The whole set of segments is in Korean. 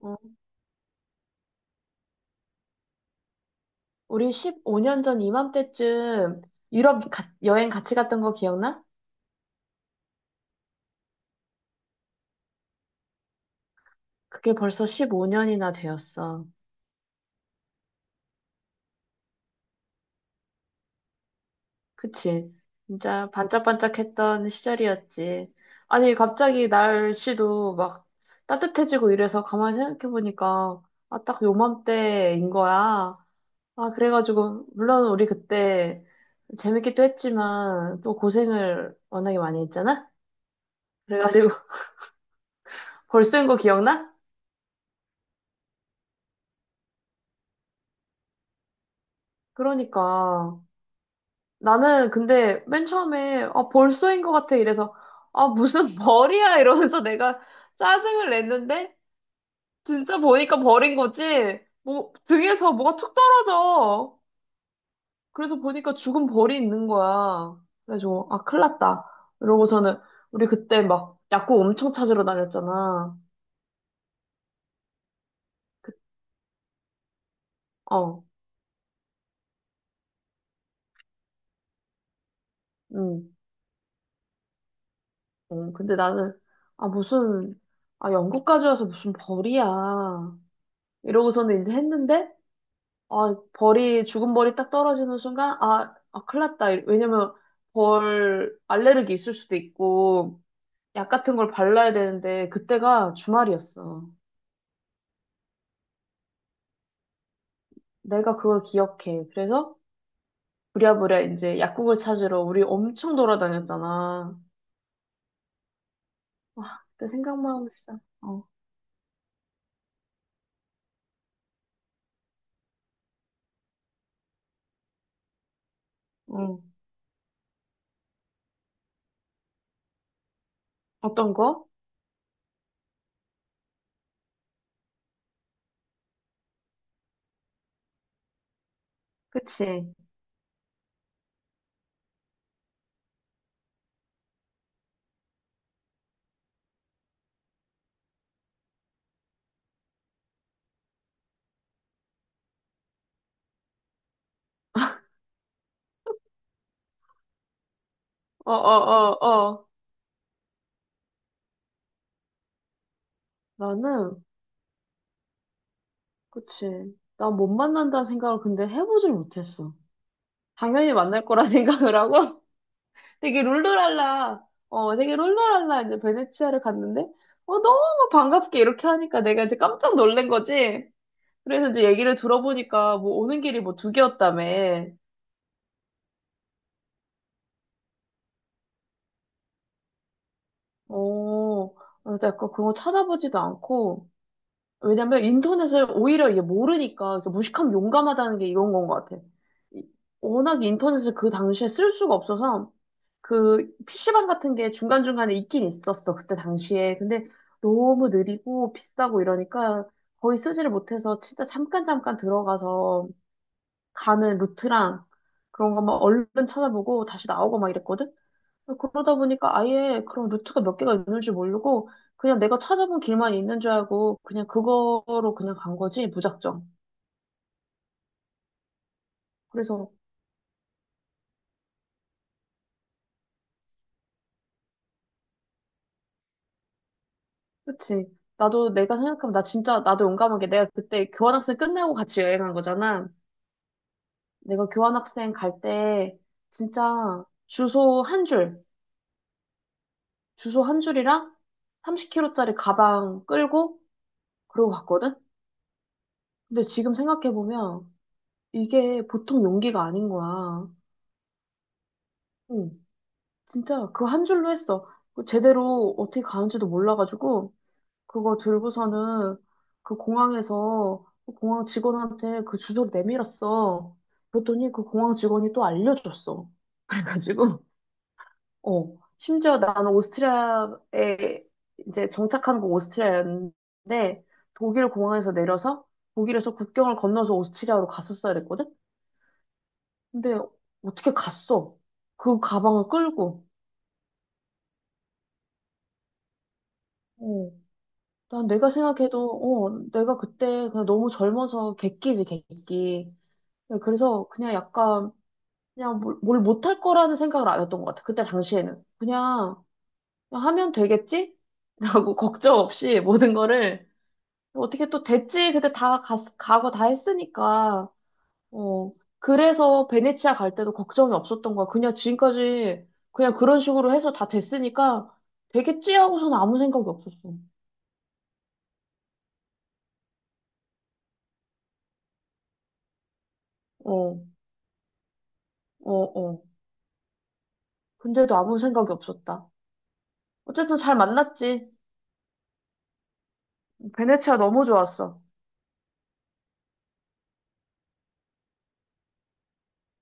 어, 우리 15년 전 이맘때쯤 유럽 여행 같이 갔던 거 기억나? 그게 벌써 15년이나 되었어. 그치? 진짜 반짝반짝했던 시절이었지. 아니, 갑자기 날씨도 막 따뜻해지고 이래서 가만히 생각해보니까, 아, 딱 요맘때인 거야. 아, 그래가지고, 물론 우리 그때 재밌기도 했지만, 또 고생을 워낙에 많이 했잖아? 그래가지고, 벌써인 거 기억나? 그러니까. 나는 근데 맨 처음에 아, 벌써인 것 같아 이래서 아 무슨 벌이야 이러면서 내가 짜증을 냈는데 진짜 보니까 벌인 거지. 뭐 등에서 뭐가 툭 떨어져 그래서 보니까 죽은 벌이 있는 거야. 그래서 아 큰일 났다 이러고서는 우리 그때 막 약국 엄청 찾으러 다녔잖아. 어, 음, 어, 근데 나는 아 무슨 아 영국까지 와서 무슨 벌이야 이러고서는 이제 했는데 아, 벌이, 죽은 벌이 딱 떨어지는 순간, 아, 아, 큰일 났다. 왜냐면, 벌 알레르기 있을 수도 있고, 약 같은 걸 발라야 되는데, 그때가 주말이었어. 내가 그걸 기억해. 그래서, 부랴부랴 이제 약국을 찾으러 우리 엄청 돌아다녔잖아. 와, 그때 생각만 하면 진짜, 어, 응. 어떤 거? 그치. 어, 어, 어, 어. 나는, 그치. 나 못 만난다는 생각을 근데 해보질 못했어. 당연히 만날 거라 생각을 하고, 되게 룰루랄라, 되게 룰루랄라 이제 베네치아를 갔는데, 어, 너무 반갑게 이렇게 하니까 내가 이제 깜짝 놀란 거지. 그래서 이제 얘기를 들어보니까 뭐 오는 길이 뭐 두 개였다며. 어, 그래서 약간 그런 거 찾아보지도 않고, 왜냐면 인터넷을 오히려 이게 모르니까 이렇게 무식하면 용감하다는 게 이런 건 것 같아. 이- 워낙 인터넷을 그 당시에 쓸 수가 없어서, 그 PC방 같은 게 중간중간에 있긴 있었어. 그때 당시에. 근데 너무 느리고 비싸고 이러니까 거의 쓰지를 못해서 진짜 잠깐 잠깐 들어가서 가는 루트랑 그런 거막 얼른 찾아보고 다시 나오고 막 이랬거든. 그러다 보니까 아예 그런 루트가 몇 개가 있는 줄 모르고 그냥 내가 찾아본 길만 있는 줄 알고 그냥 그거로 그냥 간 거지 무작정. 그래서 그치. 나도 내가 생각하면 나 진짜 나도 용감하게 내가 그때 교환학생 끝나고 같이 여행한 거잖아. 내가 교환학생 갈 때 진짜 주소 한 줄이랑 30kg짜리 가방 끌고 그러고 갔거든? 근데 지금 생각해보면 이게 보통 용기가 아닌 거야. 응, 진짜 그 한 줄로 했어. 그 제대로 어떻게 가는지도 몰라가지고 그거 들고서는 그 공항에서 그 공항 직원한테 그 주소를 내밀었어. 그랬더니 그 공항 직원이 또 알려줬어. 그래가지고 어, 심지어 나는 오스트리아에 이제 정착한 곳 오스트리아였는데 독일 공항에서 내려서 독일에서 국경을 건너서 오스트리아로 갔었어야 됐거든? 근데 어떻게 갔어? 그 가방을 끌고. 어, 난 내가 생각해도 어, 내가 그때 그냥 너무 젊어서 객기지, 객기. 그래서 그냥 약간 그냥 뭘 못할 거라는 생각을 안 했던 것 같아. 그때 당시에는. 그냥 그냥 하면 되겠지? 라고 걱정 없이 모든 거를 어떻게 또 됐지? 근데 다 가고 다 했으니까. 어. 그래서 베네치아 갈 때도 걱정이 없었던 거야. 그냥 지금까지 그냥 그런 식으로 해서 다 됐으니까 되겠지 하고서는 아무 생각이 없었어. 어, 어, 어. 근데도 아무 생각이 없었다. 어쨌든 잘 만났지. 베네치아 너무 좋았어.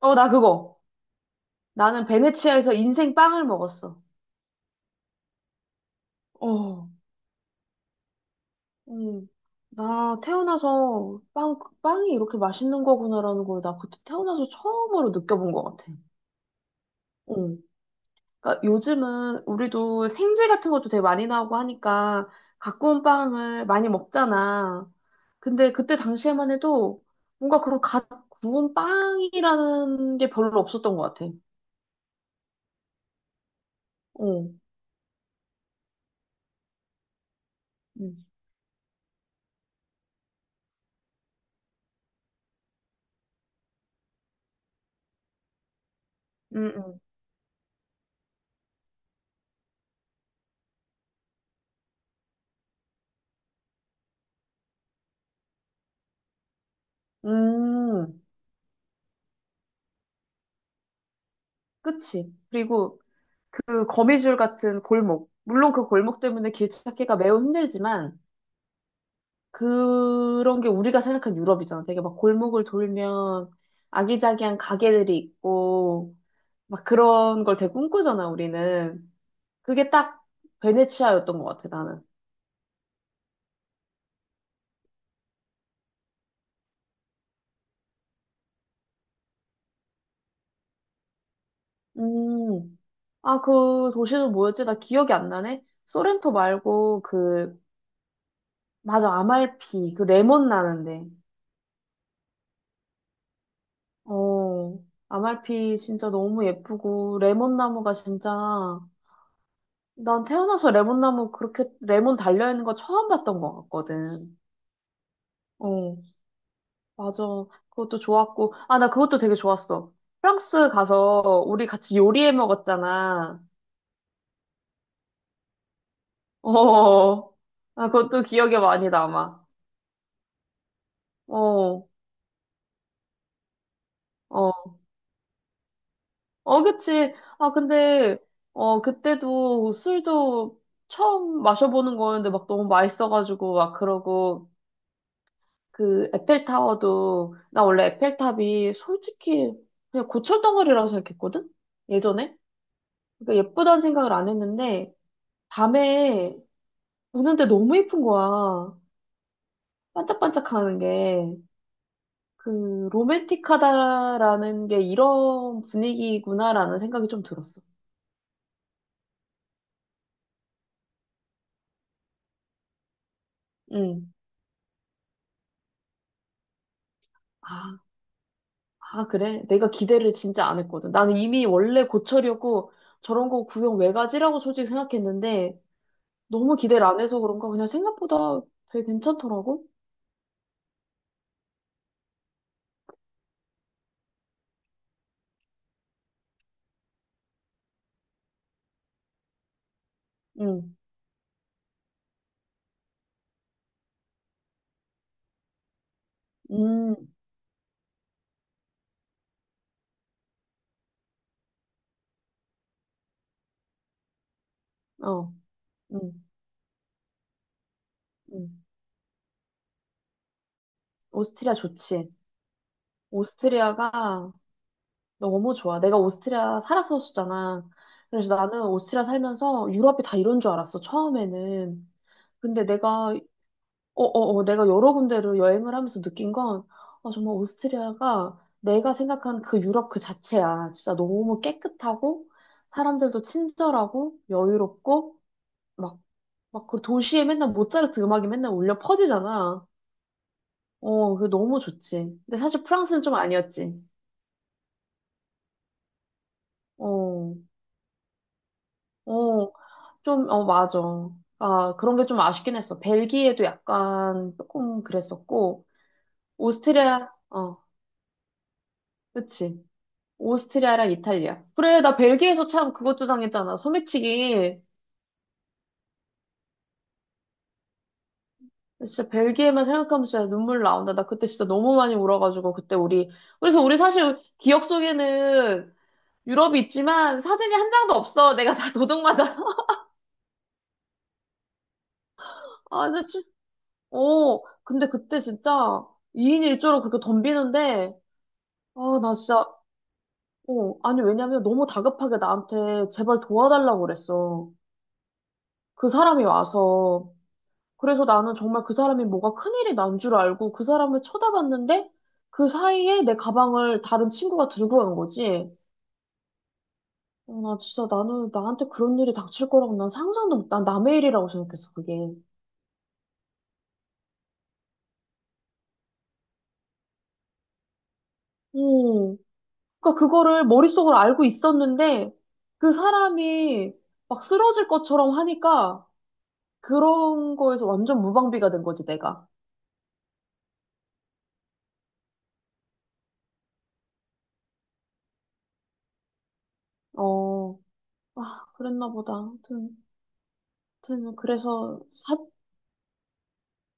어, 나 그거. 나는 베네치아에서 인생 빵을 먹었어. 어. 음, 나 태어나서 빵이 이렇게 맛있는 거구나라는 걸 나 그때 태어나서 처음으로 느껴본 것 같아. 응. 그러니까 요즘은 우리도 생제 같은 것도 되게 많이 나오고 하니까 갖고 온 빵을 많이 먹잖아. 근데 그때 당시에만 해도 뭔가 그런 갓 구운 빵이라는 게 별로 없었던 것 같아. 어. 응응응. 음, 그치. 그리고 그 거미줄 같은 골목. 물론 그 골목 때문에 길 찾기가 매우 힘들지만, 그런 게 우리가 생각한 유럽이잖아. 되게 막 골목을 돌면 아기자기한 가게들이 있고, 막 그런 걸 되게 꿈꾸잖아, 우리는. 그게 딱 베네치아였던 것 같아, 나는. 음, 아, 그 도시는 뭐였지? 나 기억이 안 나네? 소렌토 말고 그, 맞아, 아말피. 그 레몬 나는데. 어, 아말피 진짜 너무 예쁘고, 레몬 나무가 진짜 난 태어나서 레몬나무 그렇게 레몬 달려있는 거 처음 봤던 것 같거든. 어, 맞아. 그것도 좋았고. 아, 나 그것도 되게 좋았어. 프랑스 가서 우리 같이 요리해 먹었잖아. 어, 아, 그것도 기억에 많이 남아. 어, 어, 어, 그치. 아, 근데, 어, 그때도 술도 처음 마셔보는 거였는데 막 너무 맛있어가지고 막 그러고 그 에펠타워도 나 원래 에펠탑이 솔직히 그냥 고철덩어리라고 생각했거든? 예전에? 그러니까 예쁘다는 생각을 안 했는데 밤에 보는데 너무 예쁜 거야. 반짝반짝하는 게. 그 로맨틱하다라는 게 이런 분위기구나라는 생각이 좀 들었어. 응. 아, 아, 그래? 내가 기대를 진짜 안 했거든. 나는 이미 원래 고철이었고 저런 거 구경 왜 가지라고 솔직히 생각했는데 너무 기대를 안 해서 그런가 그냥 생각보다 되게 괜찮더라고. 응, 음, 어, 음 음 오스트리아 좋지. 오스트리아가 너무 좋아. 내가 오스트리아 살았었잖아. 그래서 나는 오스트리아 살면서 유럽이 다 이런 줄 알았어. 처음에는. 근데 내가 어, 어, 어, 내가 여러 군데로 여행을 하면서 느낀 건 어, 정말 오스트리아가 내가 생각한 그 유럽 그 자체야. 진짜 너무 깨끗하고 사람들도 친절하고 여유롭고 막 막 그 도시에 맨날 모차르트 음악이 맨날 울려 퍼지잖아. 어, 그게 너무 좋지. 근데 사실 프랑스는 좀 아니었지. 어, 어, 좀, 어, 맞아. 아, 그런 게 좀 아쉽긴 했어. 벨기에도 약간 조금 그랬었고, 오스트리아, 어, 그치. 오스트리아랑 이탈리아. 그래, 나 벨기에에서 참 그것도 당했잖아. 소매치기. 진짜 벨기에만 생각하면 진짜 눈물 나온다. 나 그때 진짜 너무 많이 울어가지고, 그때 우리, 그래서 우리 사실 기억 속에는 유럽이 있지만 사진이 한 장도 없어. 내가 다 도둑맞아. 아, 진짜. 어, 근데 그때 진짜 2인 1조로 그렇게 덤비는데, 아, 나 진짜, 어, 아니, 왜냐면 너무 다급하게 나한테 제발 도와달라고 그랬어. 그 사람이 와서. 그래서 나는 정말 그 사람이 뭐가 큰일이 난 줄 알고 그 사람을 쳐다봤는데, 그 사이에 내 가방을 다른 친구가 들고 간 거지. 어, 나 진짜 나는 나한테 그런 일이 닥칠 거라고 난 상상도 못, 난 남의 일이라고 생각했어, 그게. 어. 그러니까 그거를 머릿속으로 알고 있었는데 그 사람이 막 쓰러질 것처럼 하니까 그런 거에서 완전 무방비가 된 거지, 내가. 어, 아, 그랬나 보다. 아무튼, 아무튼 그래서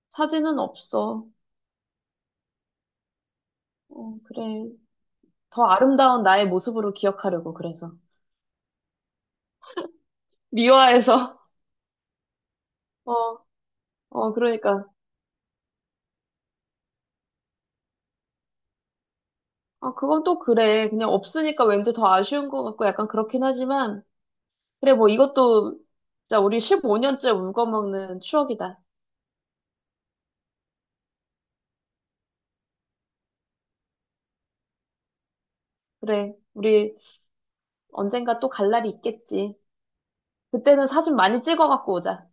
사진은 없어. 어, 그래. 더 아름다운 나의 모습으로 기억하려고, 그래서. 미화해서. 어, 어, 그러니까. 아, 그건 또 그래. 그냥 없으니까 왠지 더 아쉬운 것 같고 약간 그렇긴 하지만, 그래, 뭐 이것도 진짜 우리 15년째 울고 먹는 추억이다. 그래, 우리 언젠가 또 갈 날이 있겠지. 그때는 사진 많이 찍어갖고 오자.